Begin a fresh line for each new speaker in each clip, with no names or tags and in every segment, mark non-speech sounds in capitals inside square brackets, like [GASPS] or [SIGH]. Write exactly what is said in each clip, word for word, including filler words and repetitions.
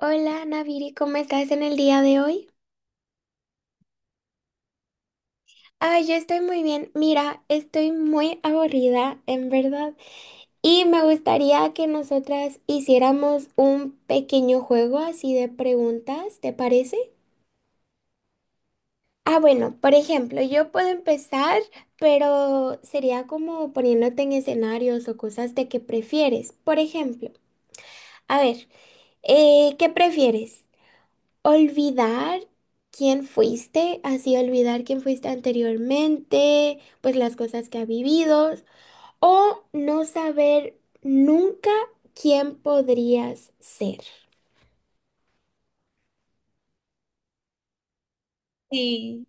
Hola, Naviri, ¿cómo estás en el día de hoy? Ah, yo estoy muy bien. Mira, estoy muy aburrida, en verdad. Y me gustaría que nosotras hiciéramos un pequeño juego así de preguntas, ¿te parece? Ah, bueno, por ejemplo, yo puedo empezar, pero sería como poniéndote en escenarios o cosas de que prefieres. Por ejemplo, a ver, eh, ¿qué prefieres? Olvidar quién fuiste, así olvidar quién fuiste anteriormente, pues las cosas que ha vivido, o no saber nunca quién podrías ser. Sí.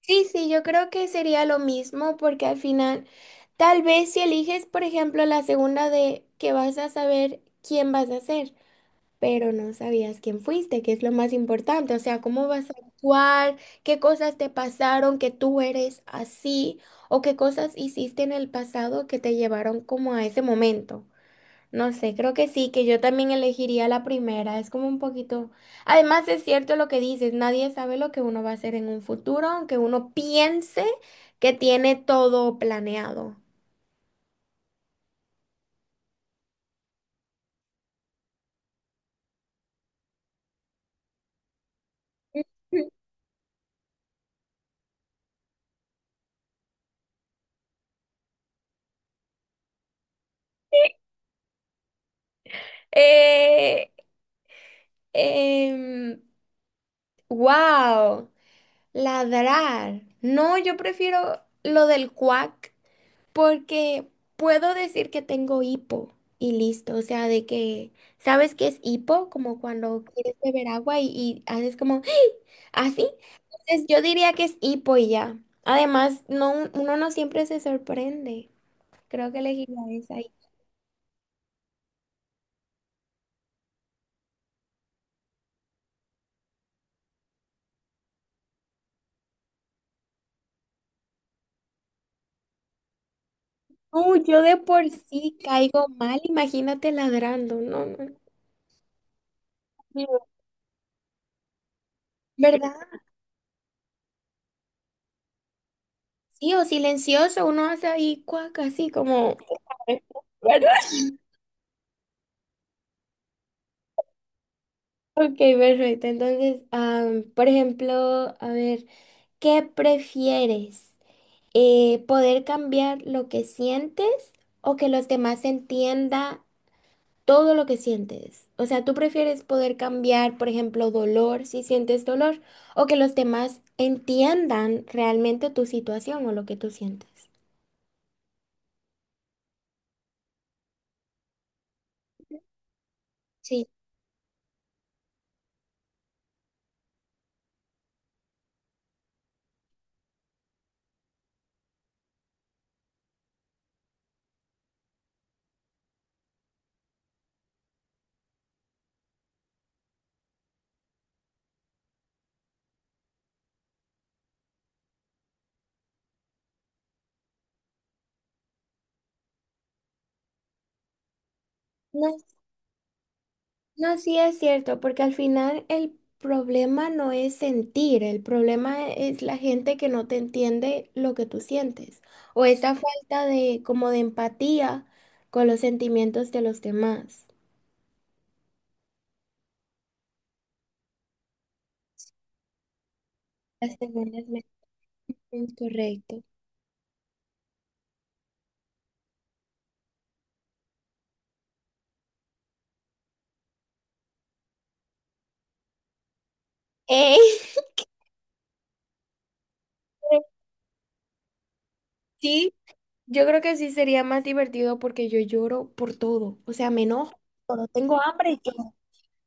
Sí, sí, yo creo que sería lo mismo porque al final, tal vez si eliges, por ejemplo, la segunda de que vas a saber quién vas a ser, pero no sabías quién fuiste, que es lo más importante, o sea, cómo vas a actuar, qué cosas te pasaron, que tú eres así, o qué cosas hiciste en el pasado que te llevaron como a ese momento. No sé, creo que sí, que yo también elegiría la primera, es como un poquito. Además es cierto lo que dices, nadie sabe lo que uno va a hacer en un futuro, aunque uno piense que tiene todo planeado. [LAUGHS] Eh, em, wow. Ladrar. No, yo prefiero lo del cuac porque puedo decir que tengo hipo y listo. O sea, de que, ¿sabes qué es hipo? Como cuando quieres beber agua y, y haces como [GASPS] así. Entonces yo diría que es hipo y ya. Además, no, uno no siempre se sorprende. Creo que elegiría esa. Y- no yo de por sí caigo mal. Imagínate ladrando. No, no. ¿Verdad? Sí, o silencioso. Uno hace ahí cuac así como. Ok, perfecto. Entonces, am, por ejemplo, a ver, ¿qué prefieres? Eh, ¿poder cambiar lo que sientes o que los demás entiendan todo lo que sientes? O sea, ¿tú prefieres poder cambiar, por ejemplo, dolor si sientes dolor o que los demás entiendan realmente tu situación o lo que tú sientes? Sí. No, sí es cierto, porque al final el problema no es sentir, el problema es la gente que no te entiende lo que tú sientes o esa falta de como de empatía con los sentimientos de los demás. Las segundas me- es correcto. ¡Ey! [LAUGHS] Sí, yo creo que sí sería más divertido porque yo lloro por todo, o sea, me enojo, cuando tengo hambre,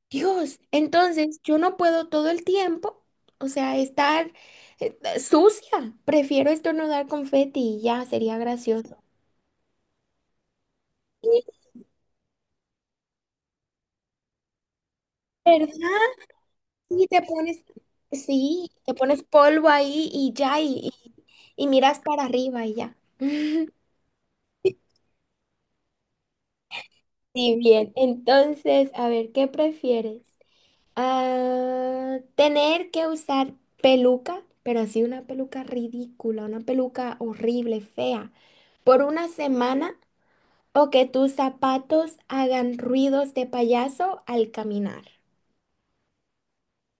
Dios, entonces yo no puedo todo el tiempo, o sea, estar eh, eh, sucia. Prefiero estornudar confeti y ya, sería gracioso. Sí, ¿verdad? Y te pones, sí, te pones polvo ahí y ya, y, y- y miras para arriba y ya. [LAUGHS] Sí, bien. Entonces, a ver, ¿qué prefieres? Ah, tener que usar peluca, pero así una peluca ridícula, una peluca horrible, fea, por una semana o que tus zapatos hagan ruidos de payaso al caminar.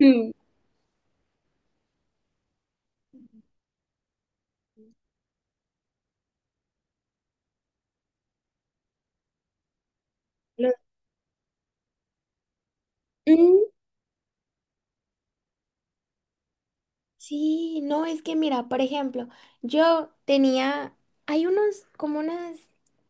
Mm. Los- mm, Sí, no, es que mira, por ejemplo, yo tenía, hay unos como unas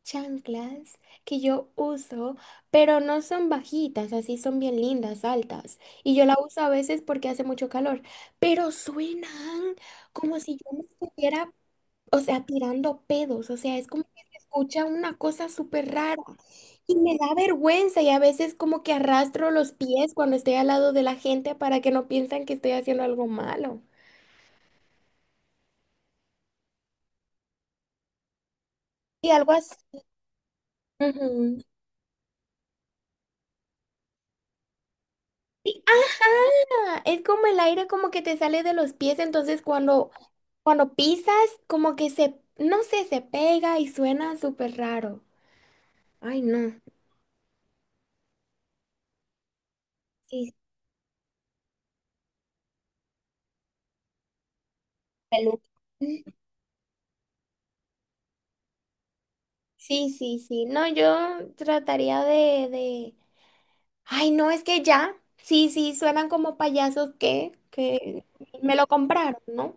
chanclas que yo uso, pero no son bajitas, así son bien lindas, altas. Y yo la uso a veces porque hace mucho calor, pero suenan como si yo me estuviera, o sea, tirando pedos, o sea, es como que se escucha una cosa súper rara. Y me da vergüenza y a veces como que arrastro los pies cuando estoy al lado de la gente para que no piensen que estoy haciendo algo malo. Y algo así. Ujú. Sí, ajá, es como el aire como que te sale de los pies, entonces cuando, cuando pisas como que se, no sé, se pega y suena súper raro. Ay, no. Sí, peluca. Sí, sí, sí. No, yo trataría de, de... Ay, no, es que ya. Sí, sí, suenan como payasos que, que me lo compraron, ¿no?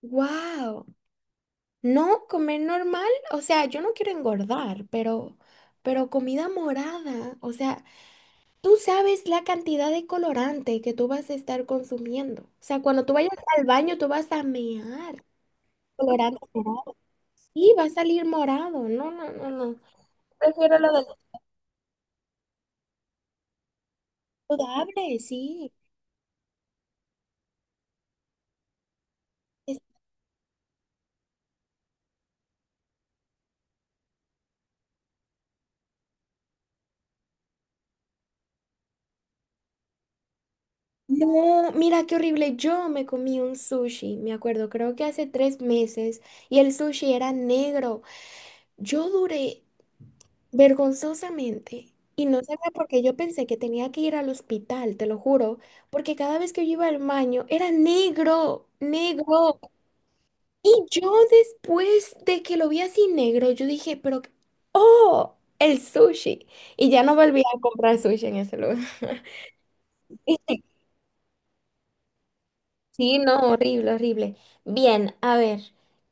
Wow. No, comer normal, o sea, yo no quiero engordar, pero, pero comida morada, o sea, tú sabes la cantidad de colorante que tú vas a estar consumiendo. O sea, cuando tú vayas al baño, tú vas a mear colorante morado. Sí, va a salir morado. No, no, no, no. Prefiero lo del saludable, sí. Es- No, mira qué horrible. Yo me comí un sushi, me acuerdo, creo que hace tres meses, y el sushi era negro. Yo duré vergonzosamente. Y no sabía por qué yo pensé que tenía que ir al hospital, te lo juro, porque cada vez que yo iba al baño era negro, negro. Y yo después de que lo vi así negro, yo dije, pero, qué- Oh, el sushi. Y ya no volví a comprar sushi en ese lugar. Sí, no, horrible, horrible. Bien, a ver,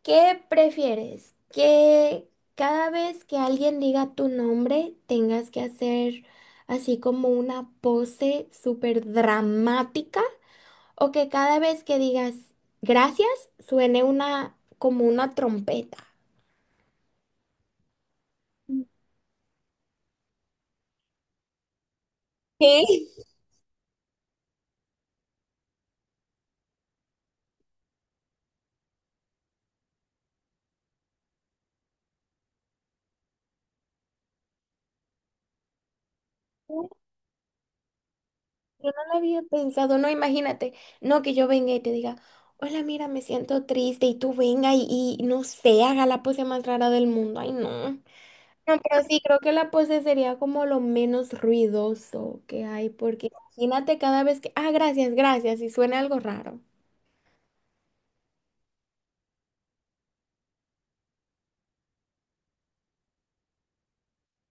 ¿qué prefieres? ¿Que cada vez que alguien diga tu nombre tengas que hacer así como una pose súper dramática? ¿O que cada vez que digas gracias suene una como una trompeta? ¿Qué? Yo no lo había pensado, no, imagínate, no que yo venga y te diga, hola, mira, me siento triste y tú venga y, y no sé, haga la pose más rara del mundo, ay, no. No, pero sí, creo que la pose sería como lo menos ruidoso que hay, porque imagínate cada vez que, ah, gracias, gracias, y suena algo raro.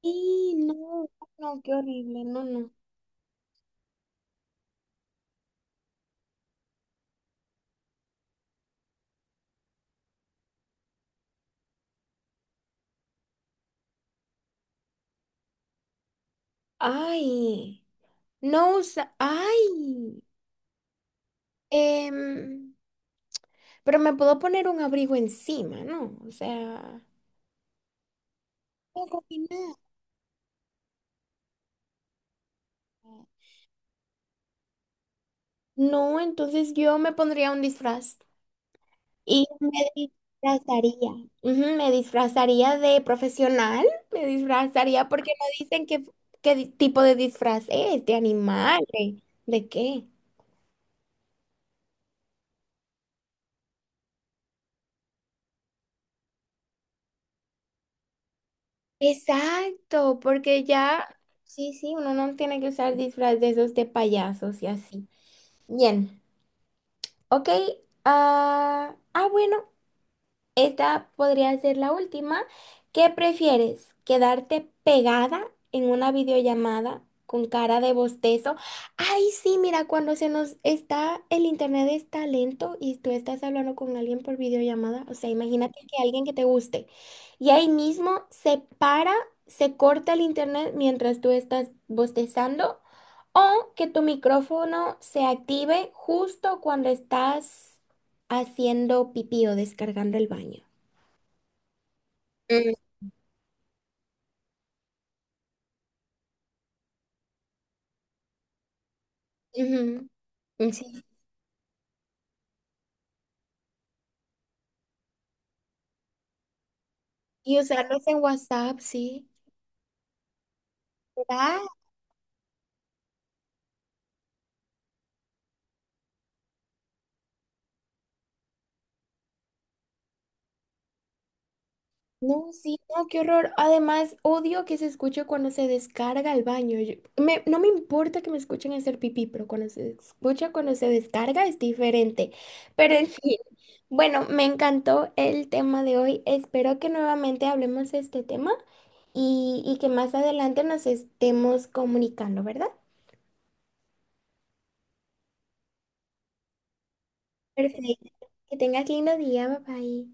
Y no, no, qué horrible, no, no. Ay, no usa, ay, em, pero me puedo poner un abrigo encima, ¿no? O sea, no combinar. No, entonces yo me pondría un disfraz. Y me disfrazaría, ujú, me disfrazaría de profesional, me disfrazaría porque no dicen qué, qué di- tipo de disfraz es, de animal, de, de qué. Exacto, porque ya, sí, sí, uno no tiene que usar disfraz de esos de payasos y así. Bien, ok. Ah, ah, bueno. Esta podría ser la última. ¿Qué prefieres? ¿Quedarte pegada en una videollamada con cara de bostezo? Ay, sí, mira, cuando se nos está, el internet está lento y tú estás hablando con alguien por videollamada. O sea, imagínate que alguien que te guste y ahí mismo se para, se corta el internet mientras tú estás bostezando. O que tu micrófono se active justo cuando estás haciendo pipí o descargando el baño. Mm, ujú, sí. Y usarlos en WhatsApp, sí. Ah, no, sí, no, qué horror. Además, odio que se escuche cuando se descarga el baño. Yo- me- no me importa que me escuchen hacer pipí, pero cuando se escucha, cuando se descarga es diferente. Pero en fin, bueno, me encantó el tema de hoy. Espero que nuevamente hablemos de este tema y, y que más adelante nos estemos comunicando, ¿verdad? Perfecto. Que tengas lindo día, bye bye.